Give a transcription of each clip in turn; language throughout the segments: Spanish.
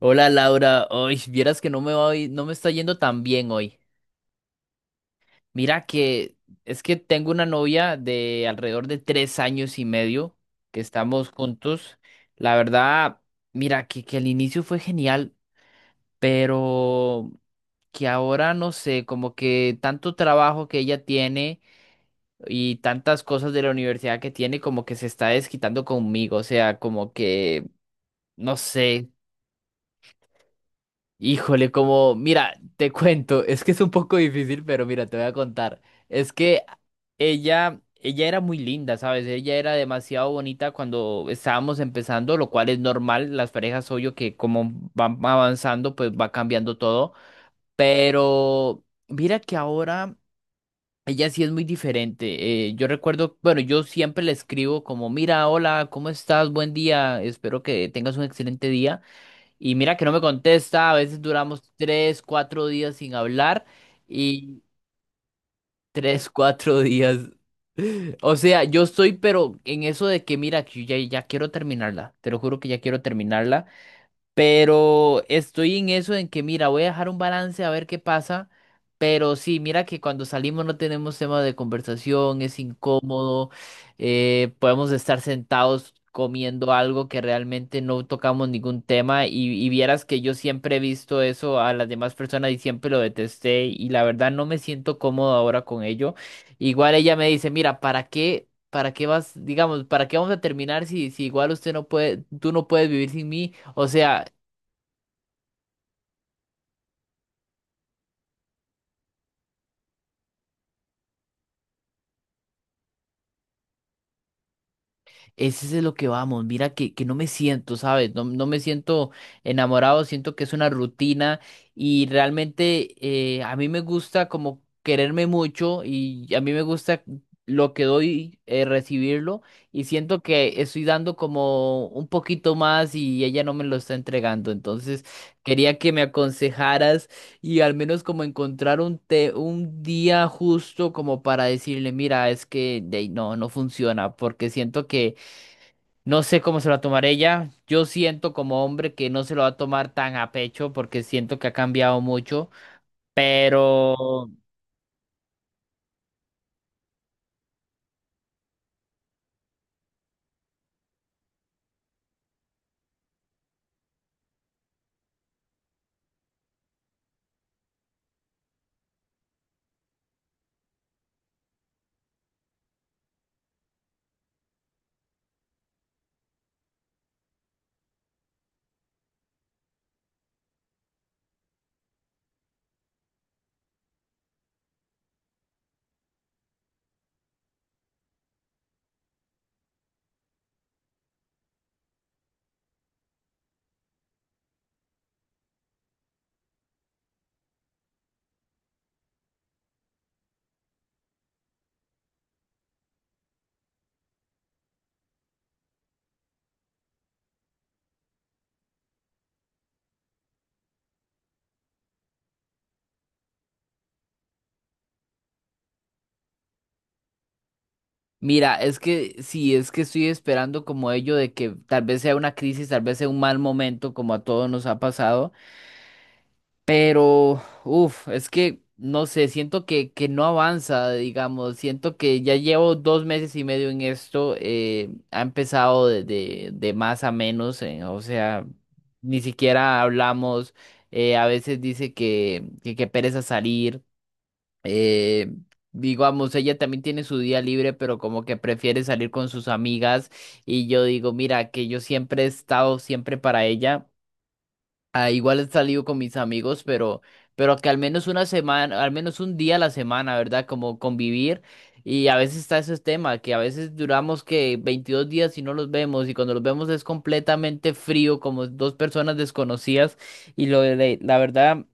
Hola Laura, hoy vieras que no me está yendo tan bien hoy. Mira que es que tengo una novia de alrededor de 3 años y medio que estamos juntos. La verdad, mira que el inicio fue genial, pero que ahora no sé, como que tanto trabajo que ella tiene y tantas cosas de la universidad que tiene, como que se está desquitando conmigo. O sea, como que no sé. Híjole, como, mira, te cuento, es que es un poco difícil, pero mira, te voy a contar. Es que ella era muy linda, ¿sabes? Ella era demasiado bonita cuando estábamos empezando, lo cual es normal, las parejas, obvio que como van avanzando, pues va cambiando todo. Pero mira que ahora ella sí es muy diferente. Yo recuerdo, bueno, yo siempre le escribo como, mira, hola, ¿cómo estás? Buen día, espero que tengas un excelente día. Y mira que no me contesta, a veces duramos 3, 4 días sin hablar y 3, 4 días. O sea, yo estoy, pero en eso de que mira, que yo ya quiero terminarla, te lo juro que ya quiero terminarla, pero estoy en eso en que, mira, voy a dejar un balance a ver qué pasa. Pero sí, mira que cuando salimos no tenemos tema de conversación, es incómodo. Podemos estar sentados comiendo algo que realmente no tocamos ningún tema, y vieras que yo siempre he visto eso a las demás personas y siempre lo detesté, y la verdad no me siento cómodo ahora con ello. Igual ella me dice, mira, ¿para qué? ¿Para qué vas, digamos, para qué vamos a terminar si igual usted no puede, tú no puedes vivir sin mí? O sea, ese es de lo que vamos. Mira que no me siento, ¿sabes? No, no me siento enamorado, siento que es una rutina y realmente, a mí me gusta como quererme mucho, y a mí me gusta lo que doy, recibirlo, y siento que estoy dando como un poquito más y ella no me lo está entregando. Entonces quería que me aconsejaras y al menos como encontrar un día justo como para decirle, mira, es que de ahí no, no funciona porque siento que... No sé cómo se lo va a tomar ella. Yo siento como hombre que no se lo va a tomar tan a pecho porque siento que ha cambiado mucho. Pero mira, es que sí, es que estoy esperando como ello de que tal vez sea una crisis, tal vez sea un mal momento como a todos nos ha pasado. Pero, uff, es que, no sé, siento que no avanza, digamos, siento que ya llevo 2 meses y medio en esto, ha empezado de, de más a menos, o sea, ni siquiera hablamos, a veces dice que, que pereza salir, eh, digamos, ella también tiene su día libre, pero como que prefiere salir con sus amigas, y yo digo, mira, que yo siempre he estado siempre para ella. Ah, igual he salido con mis amigos, pero que al menos una semana, al menos un día a la semana, ¿verdad? Como convivir. Y a veces está ese tema, que a veces duramos que 22 días y no los vemos, y cuando los vemos es completamente frío, como dos personas desconocidas. Y lo la verdad,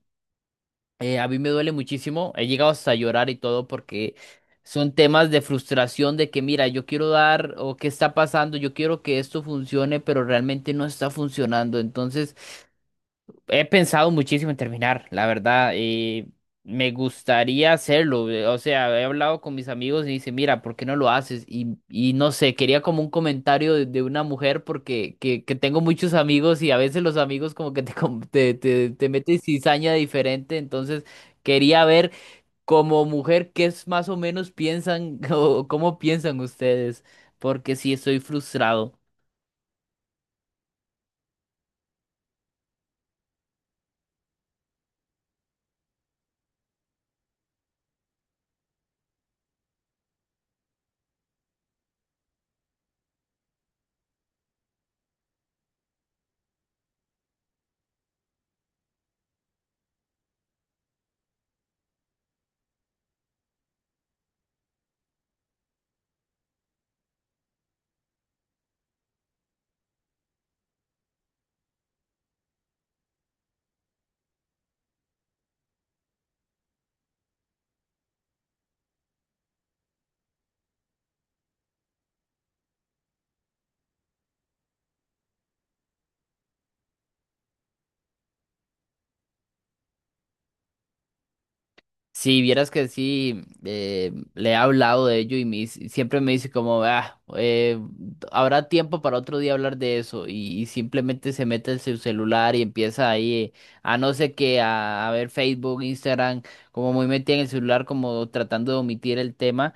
a mí me duele muchísimo. He llegado hasta a llorar y todo porque son temas de frustración, de que mira, yo quiero dar, o qué está pasando, yo quiero que esto funcione, pero realmente no está funcionando. Entonces, he pensado muchísimo en terminar, la verdad. Me gustaría hacerlo. O sea, he hablado con mis amigos y dice, mira, ¿por qué no lo haces? Y y no sé, quería como un comentario de una mujer, porque que tengo muchos amigos y a veces los amigos como que te meten cizaña diferente. Entonces, quería ver como mujer qué es más o menos piensan o cómo piensan ustedes, porque sí estoy frustrado. Si vieras que sí, le he hablado de ello y me dice, siempre me dice como, ah, habrá tiempo para otro día hablar de eso, y simplemente se mete en su celular y empieza ahí, a no sé qué, a ver Facebook, Instagram, como muy metida en el celular, como tratando de omitir el tema.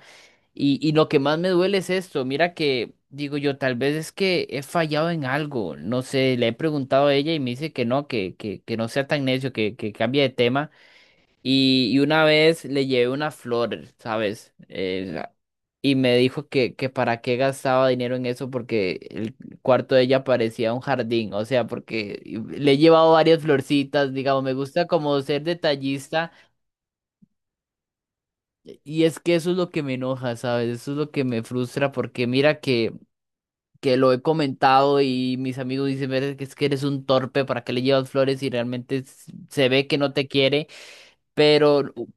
Y lo que más me duele es esto, mira que, digo yo, tal vez es que he fallado en algo, no sé, le he preguntado a ella y me dice que no, que no sea tan necio, que cambie de tema. Y una vez le llevé una flor, ¿sabes? Y me dijo que para qué gastaba dinero en eso porque el cuarto de ella parecía un jardín, o sea, porque le he llevado varias florcitas, digamos, me gusta como ser detallista. Y es que eso es lo que me enoja, ¿sabes? Eso es lo que me frustra porque mira que lo he comentado y mis amigos dicen, "Ver, es que eres un torpe, ¿para qué le llevas flores y realmente s- se ve que no te quiere?" Pero u-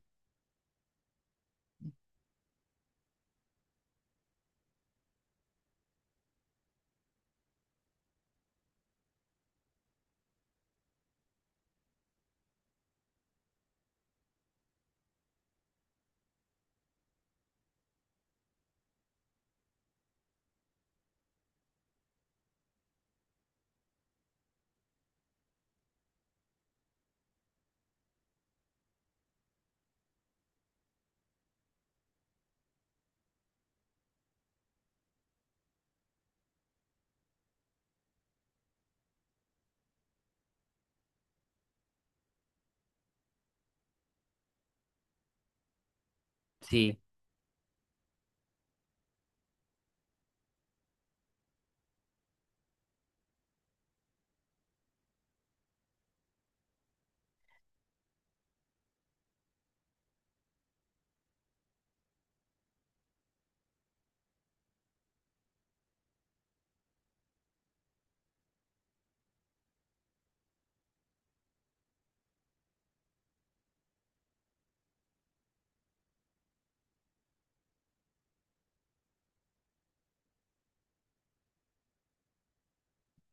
sí,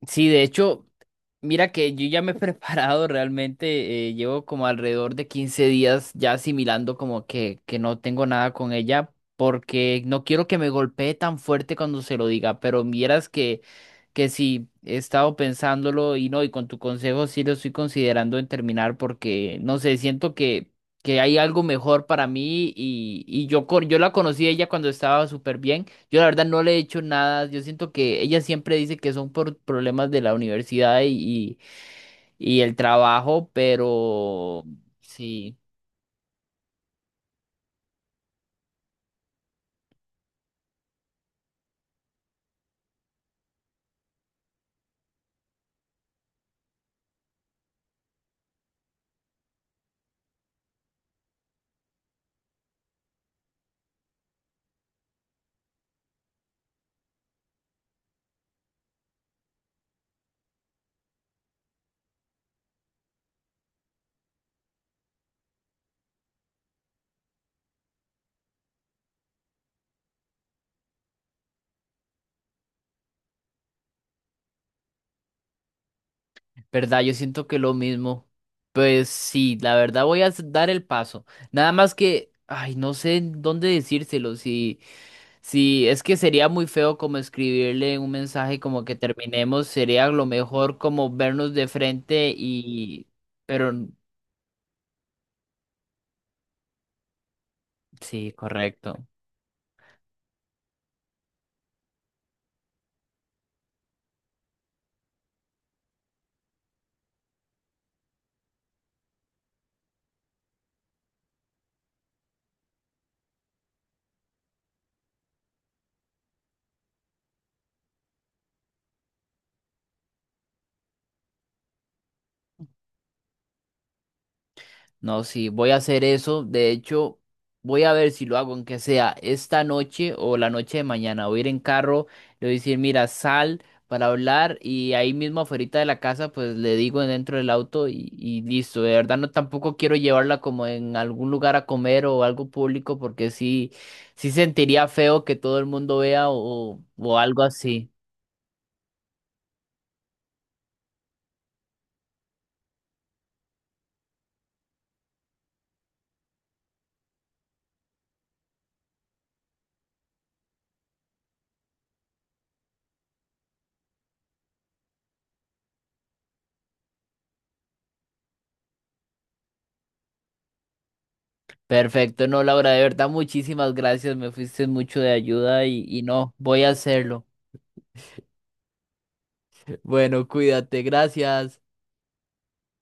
sí, de hecho... Mira que yo ya me he preparado realmente, llevo como alrededor de 15 días ya asimilando como que no tengo nada con ella porque no quiero que me golpee tan fuerte cuando se lo diga, pero vieras que sí, he estado pensándolo, y no, y con tu consejo sí lo estoy considerando en terminar porque, no sé, siento que hay algo mejor para mí, y yo, yo la conocí a ella cuando estaba súper bien. Yo la verdad no le he hecho nada. Yo siento que ella siempre dice que son por problemas de la universidad y el trabajo, pero sí, verdad, yo siento que lo mismo. Pues sí, la verdad voy a dar el paso. Nada más que, ay, no sé en dónde decírselo, si, si es que sería muy feo como escribirle un mensaje como que terminemos, sería lo mejor como vernos de frente, y, pero sí, correcto. No, sí, voy a hacer eso. De hecho, voy a ver si lo hago, aunque sea esta noche o la noche de mañana. Voy a ir en carro, le voy a decir, mira, sal para hablar, y ahí mismo afuera de la casa, pues le digo dentro del auto, y listo. De verdad, no tampoco quiero llevarla como en algún lugar a comer o algo público porque sí, sí sentiría feo que todo el mundo vea o algo así. Perfecto, no, Laura, de verdad, muchísimas gracias. Me fuiste mucho de ayuda, y no, voy a hacerlo. Bueno, cuídate, gracias.